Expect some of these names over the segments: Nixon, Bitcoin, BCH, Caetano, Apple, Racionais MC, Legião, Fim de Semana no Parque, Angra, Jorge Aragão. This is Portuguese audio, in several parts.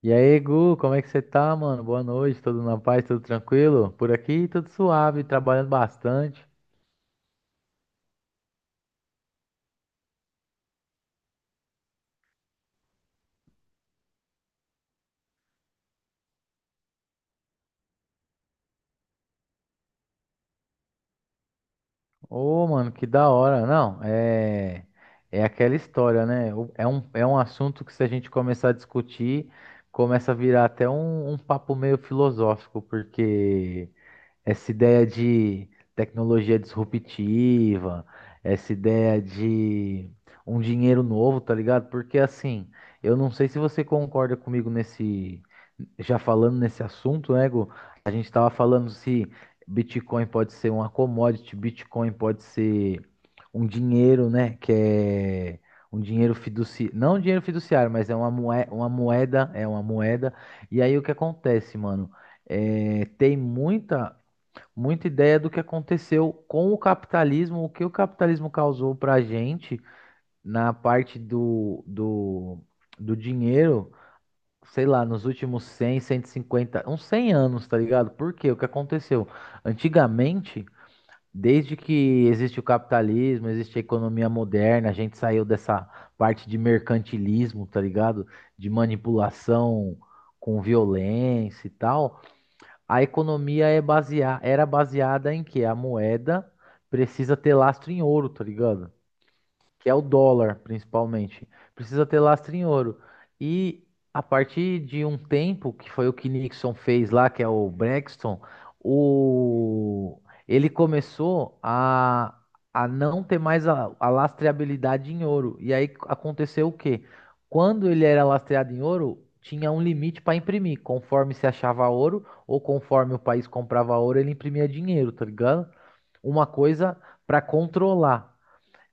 E aí, Gu, como é que você tá, mano? Boa noite, tudo na paz, tudo tranquilo? Por aqui, tudo suave, trabalhando bastante. Ô, mano, que da hora. Não, é aquela história, né? É um assunto que se a gente começar a discutir, começa a virar até um papo meio filosófico, porque essa ideia de tecnologia disruptiva, essa ideia de um dinheiro novo, tá ligado? Porque assim, eu não sei se você concorda comigo nesse, já falando nesse assunto, né, Gu? A gente tava falando se Bitcoin pode ser uma commodity, Bitcoin pode ser um dinheiro, né, que é um dinheiro fiduciário, não um dinheiro fiduciário, mas é uma moeda, é uma moeda. E aí o que acontece, mano? É, tem muita muita ideia do que aconteceu com o capitalismo, o que o capitalismo causou para a gente na parte do dinheiro, sei lá, nos últimos 100, 150, uns 100 anos, tá ligado? Por quê? O que aconteceu? Antigamente, desde que existe o capitalismo, existe a economia moderna, a gente saiu dessa parte de mercantilismo, tá ligado? De manipulação com violência e tal. A economia era baseada em que a moeda precisa ter lastro em ouro, tá ligado? Que é o dólar, principalmente. Precisa ter lastro em ouro. E a partir de um tempo, que foi o que Nixon fez lá, que é o Braxton, o... ele começou a não ter mais a lastreabilidade em ouro. E aí aconteceu o quê? Quando ele era lastreado em ouro, tinha um limite para imprimir. Conforme se achava ouro, ou conforme o país comprava ouro, ele imprimia dinheiro, tá ligado? Uma coisa para controlar.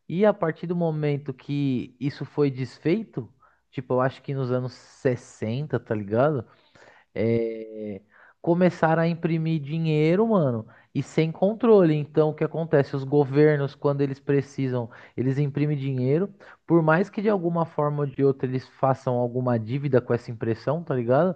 E a partir do momento que isso foi desfeito, tipo, eu acho que nos anos 60, tá ligado? é, Começaram a imprimir dinheiro, mano, e sem controle. Então, o que acontece? Os governos, quando eles precisam, eles imprimem dinheiro, por mais que de alguma forma ou de outra eles façam alguma dívida com essa impressão, tá ligado?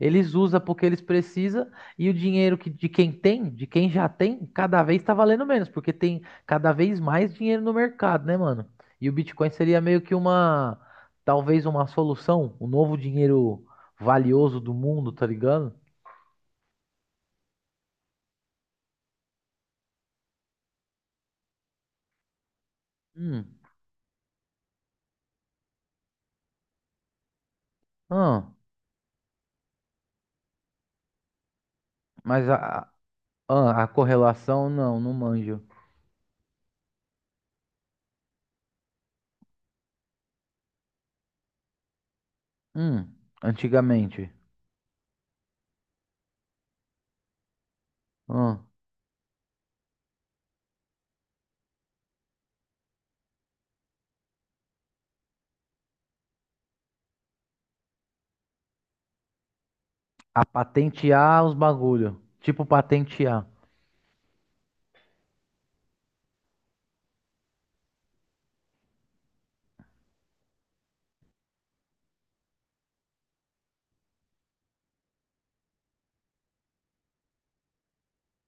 Eles usam porque eles precisam e o dinheiro que, de quem tem, de quem já tem, cada vez tá valendo menos, porque tem cada vez mais dinheiro no mercado, né, mano? E o Bitcoin seria meio que uma, talvez uma solução, um novo dinheiro valioso do mundo, tá ligado? Hum. Ah, mas a correlação não, não manjo. Hum. Antigamente. Ah, a patentear os bagulho. Tipo patentear.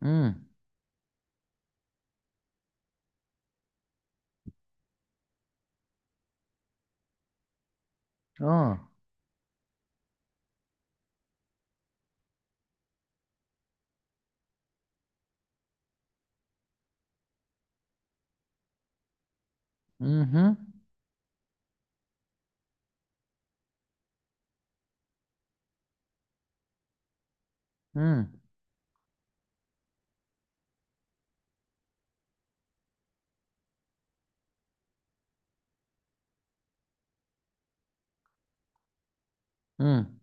Hum. Ah. Uhum. Hum. Hum.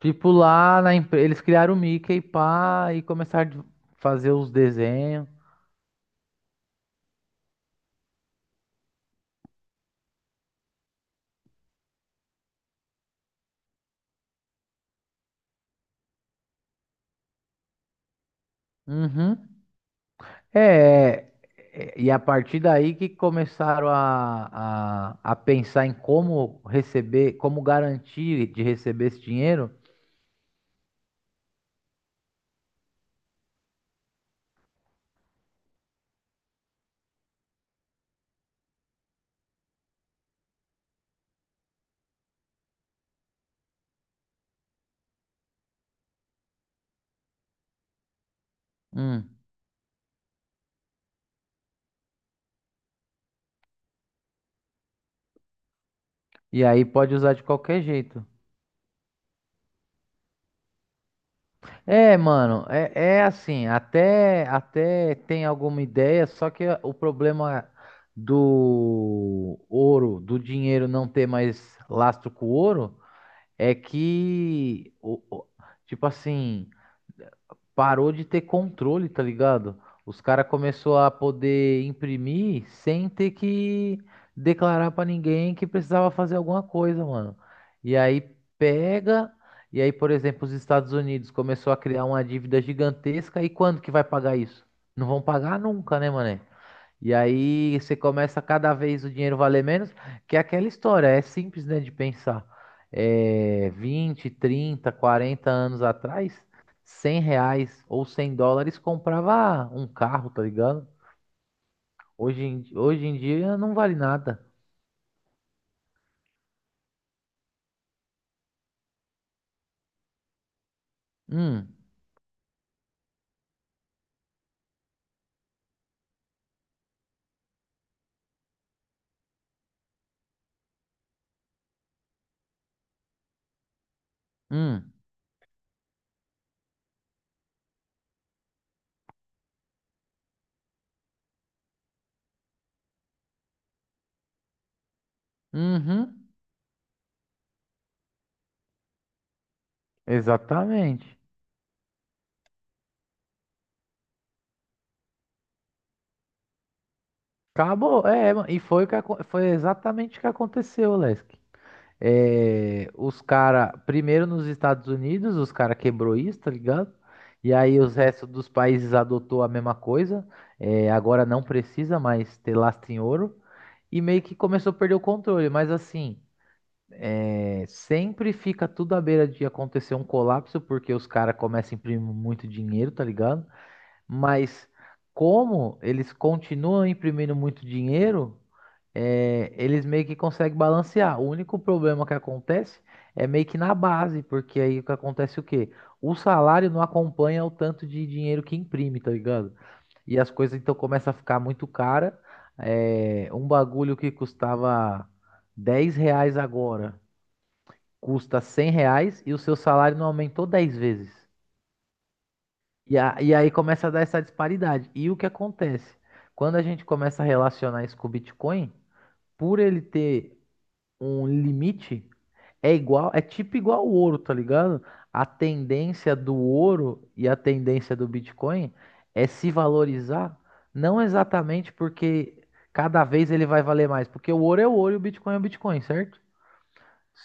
Tipo lá na empresa eles criaram o Mickey pá, e começaram a fazer os desenhos. Uhum. É, é, é, e a partir daí que começaram a pensar em como receber, como garantir de receber esse dinheiro. Hum, e aí pode usar de qualquer jeito. É, mano, é assim, até tem alguma ideia, só que o problema do ouro, do dinheiro não ter mais lastro com o ouro, é que, tipo assim. Parou de ter controle, tá ligado? Os caras começou a poder imprimir sem ter que declarar pra ninguém que precisava fazer alguma coisa, mano. E aí pega, e aí, por exemplo, os Estados Unidos começou a criar uma dívida gigantesca, e quando que vai pagar isso? Não vão pagar nunca, né, mané? E aí você começa cada vez o dinheiro valer menos, que é aquela história, é simples, né, de pensar. É, 20, 30, 40 anos atrás, R$ 100 ou 100 dólares comprava um carro, tá ligado? Hoje em dia não vale nada. Hum, hum, uhum, exatamente. Acabou, é, e foi, o que, foi exatamente o que aconteceu, Lesk. É, os cara, primeiro nos Estados Unidos, os cara quebrou isso, tá ligado? E aí os restos dos países adotou a mesma coisa. É, agora não precisa mais ter lastro em ouro. E meio que começou a perder o controle. Mas assim, é, sempre fica tudo à beira de acontecer um colapso, porque os caras começam a imprimir muito dinheiro, tá ligado? Mas como eles continuam imprimindo muito dinheiro, eles meio que conseguem balancear. O único problema que acontece é meio que na base, porque aí o que acontece é o quê? O salário não acompanha o tanto de dinheiro que imprime, tá ligado? E as coisas então começam a ficar muito cara. É, um bagulho que custava R$ 10 agora custa R$ 100 e o seu salário não aumentou 10 vezes. E aí começa a dar essa disparidade. E o que acontece? Quando a gente começa a relacionar isso com o Bitcoin, por ele ter um limite é igual, é tipo igual o ouro, tá ligado? A tendência do ouro e a tendência do Bitcoin é se valorizar, não exatamente porque cada vez ele vai valer mais, porque o ouro é o ouro e o Bitcoin é o Bitcoin, certo?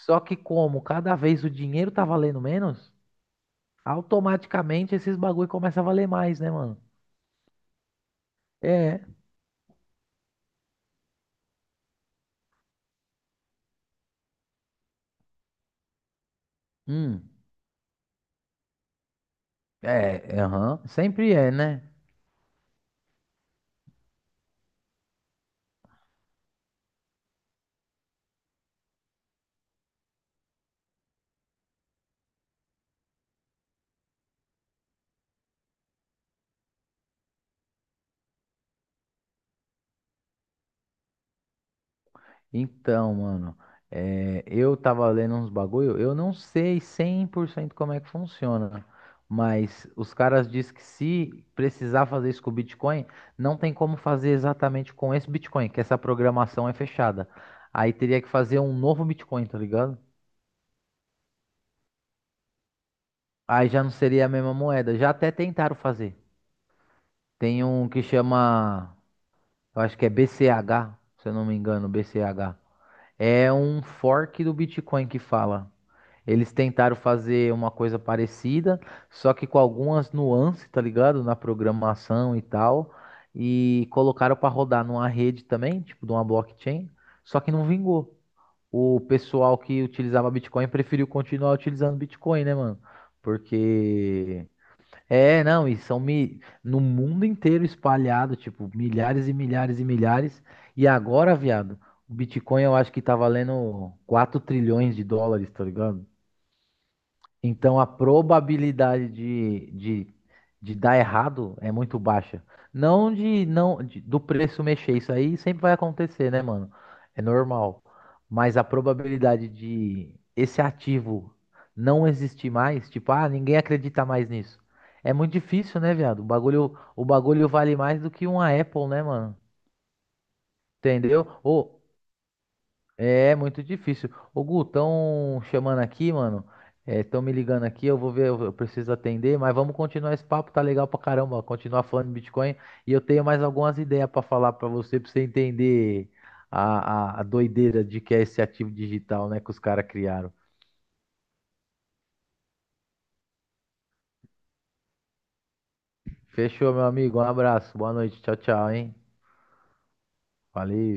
Só que como cada vez o dinheiro tá valendo menos, automaticamente esses bagulho começa a valer mais, né, mano? É. Hum. É, aham. Sempre é, né? Então, mano, eu tava lendo uns bagulho, eu não sei 100% como é que funciona, mas os caras dizem que se precisar fazer isso com o Bitcoin, não tem como fazer exatamente com esse Bitcoin, que essa programação é fechada. Aí teria que fazer um novo Bitcoin, tá ligado? Aí já não seria a mesma moeda. Já até tentaram fazer. Tem um que chama, eu acho que é BCH, se eu não me engano, BCH. É um fork do Bitcoin que fala. Eles tentaram fazer uma coisa parecida, só que com algumas nuances, tá ligado? Na programação e tal. E colocaram para rodar numa rede também, tipo de uma blockchain, só que não vingou. O pessoal que utilizava Bitcoin preferiu continuar utilizando Bitcoin, né, mano? Porque é, não, e são no mundo inteiro espalhado, tipo, milhares e milhares e milhares. E agora, viado, o Bitcoin eu acho que tá valendo 4 trilhões de dólares, tá ligado? Então a probabilidade de dar errado é muito baixa. Não do preço mexer, isso aí sempre vai acontecer, né, mano? É normal. Mas a probabilidade de esse ativo não existir mais, tipo, ah, ninguém acredita mais nisso. É muito difícil, né, viado? O bagulho vale mais do que uma Apple, né, mano? Entendeu? Ou é muito difícil. Ô, Gu, estão chamando aqui, mano. Estão me ligando aqui, eu vou ver, eu preciso atender, mas vamos continuar esse papo, tá legal pra caramba, continuar falando de Bitcoin. E eu tenho mais algumas ideias pra falar pra você entender a doideira de que é esse ativo digital, né, que os caras criaram. Fechou, meu amigo, um abraço, boa noite, tchau, tchau, hein? Valeu.